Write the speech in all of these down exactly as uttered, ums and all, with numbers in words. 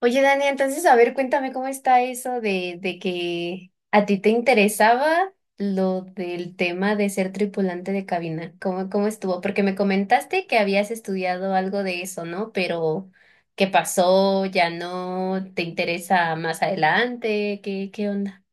Oye, Dani, entonces, a ver, cuéntame cómo está eso de, de que a ti te interesaba lo del tema de ser tripulante de cabina. ¿Cómo, cómo estuvo? Porque me comentaste que habías estudiado algo de eso, ¿no? Pero, ¿qué pasó? ¿Ya no te interesa más adelante? ¿Qué, qué onda?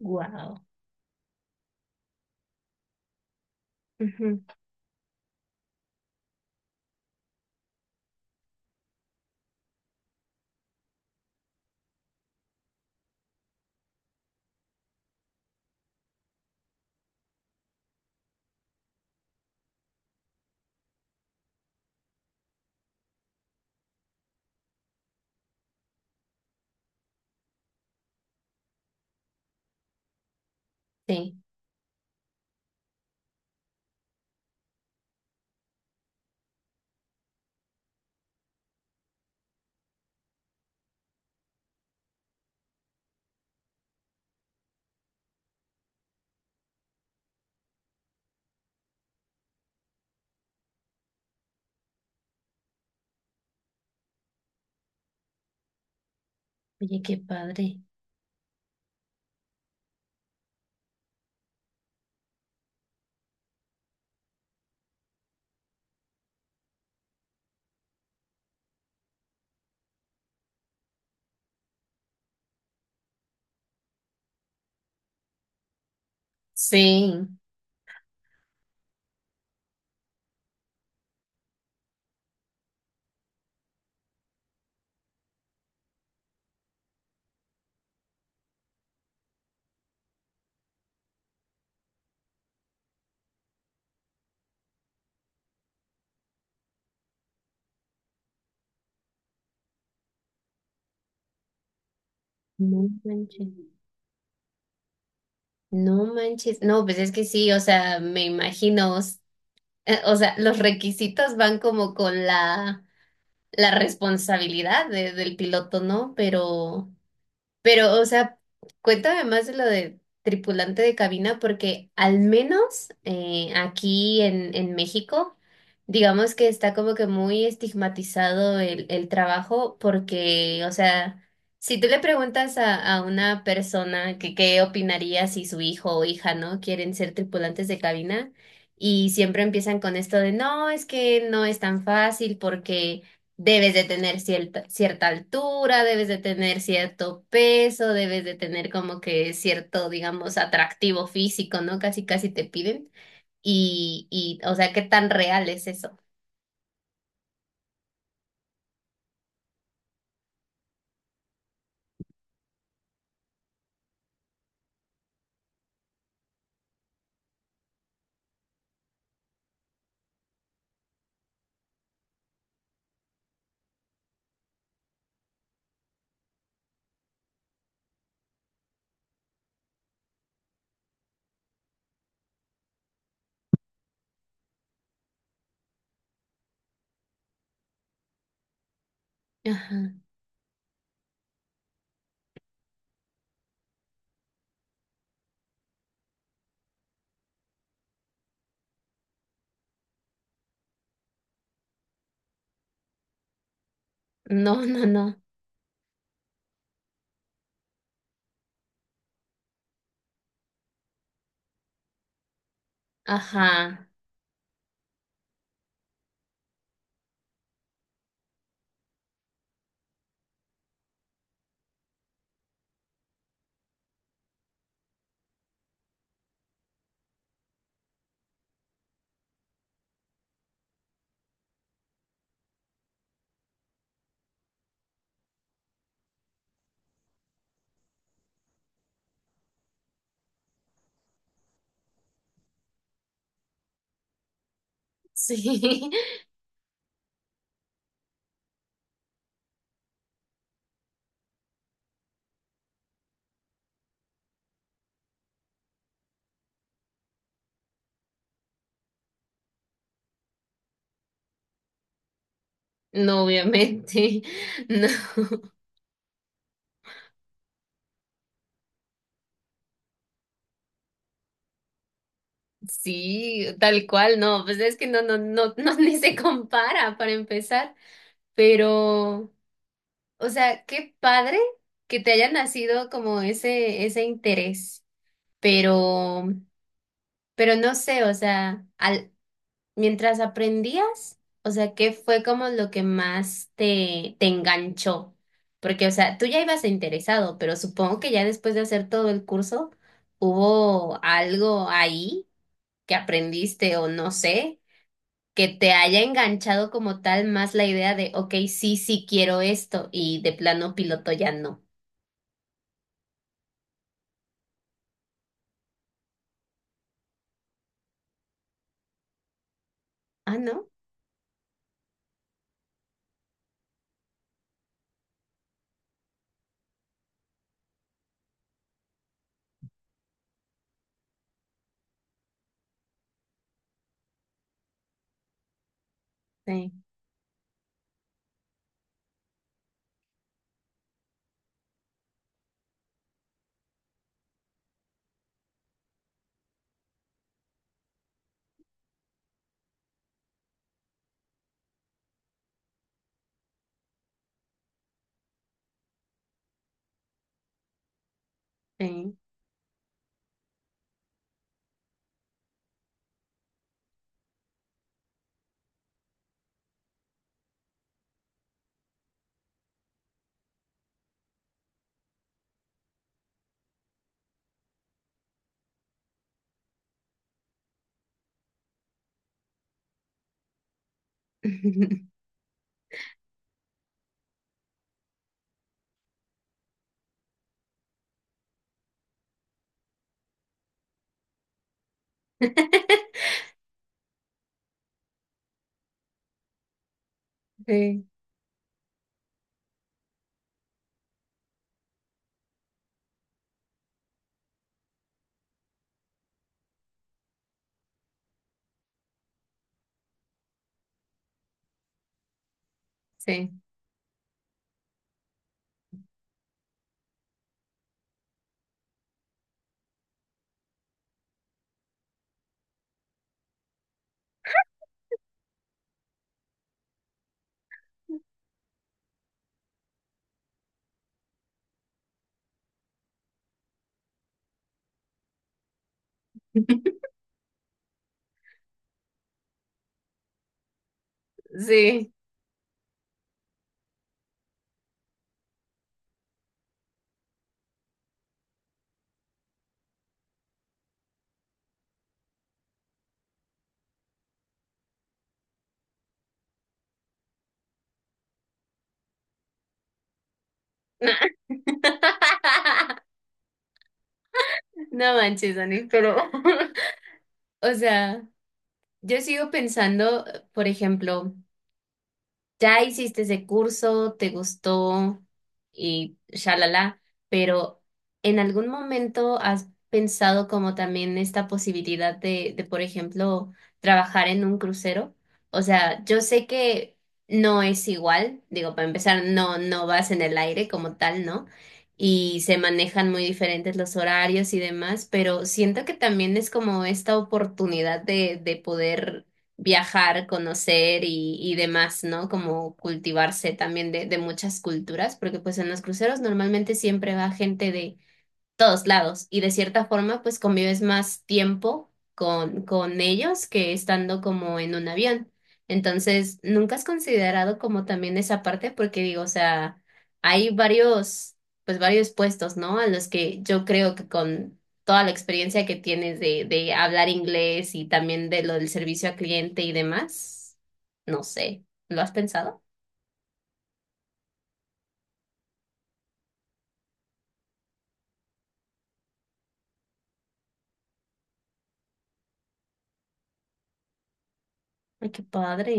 Wow. Sí. Oye, qué padre. Sí. No manches. No manches. No, pues es que sí, o sea, me imagino. Eh, O sea, los requisitos van como con la, la responsabilidad de- del piloto, ¿no? Pero, pero, o sea, cuéntame más de lo de tripulante de cabina, porque al menos eh, aquí en, en México, digamos que está como que muy estigmatizado el, el trabajo, porque, o sea, si tú le preguntas a, a una persona que qué opinaría si su hijo o hija, ¿no?, quieren ser tripulantes de cabina, y siempre empiezan con esto de, no, es que no es tan fácil porque debes de tener cierta, cierta altura, debes de tener cierto peso, debes de tener como que cierto, digamos, atractivo físico, ¿no? Casi, casi te piden. Y, y, o sea, ¿qué tan real es eso? Ajá. No, no, no. Ajá. Sí, no, obviamente. No, sí, tal cual, no. Pues es que no, no, no, no, ni se compara para empezar. Pero, o sea, qué padre que te haya nacido como ese, ese interés, pero, pero no sé, o sea, al, mientras aprendías, o sea, ¿qué fue como lo que más te, te enganchó? Porque, o sea, tú ya ibas interesado, pero supongo que ya después de hacer todo el curso, hubo algo ahí que aprendiste o no sé, que te haya enganchado como tal más la idea de, ok, sí, sí quiero esto y de plano piloto ya no. Ah, ¿no? Sí, sí. Sí, sí, sí. No manches, Dani, pero, o sea, yo sigo pensando, por ejemplo, ya hiciste ese curso, te gustó y shalala, pero ¿en algún momento has pensado como también esta posibilidad de, de, por ejemplo, trabajar en un crucero? O sea, yo sé que no es igual, digo, para empezar, no, no vas en el aire como tal, ¿no? Y se manejan muy diferentes los horarios y demás, pero siento que también es como esta oportunidad de, de poder viajar, conocer y, y demás, ¿no? Como cultivarse también de, de muchas culturas, porque pues en los cruceros normalmente siempre va gente de todos lados y de cierta forma pues convives más tiempo con, con ellos que estando como en un avión. Entonces, ¿nunca has considerado como también esa parte? Porque digo, o sea, hay varios, pues varios puestos, ¿no? A los que yo creo que con toda la experiencia que tienes de, de hablar inglés y también de lo del servicio al cliente y demás, no sé, ¿lo has pensado? Ay, qué padre.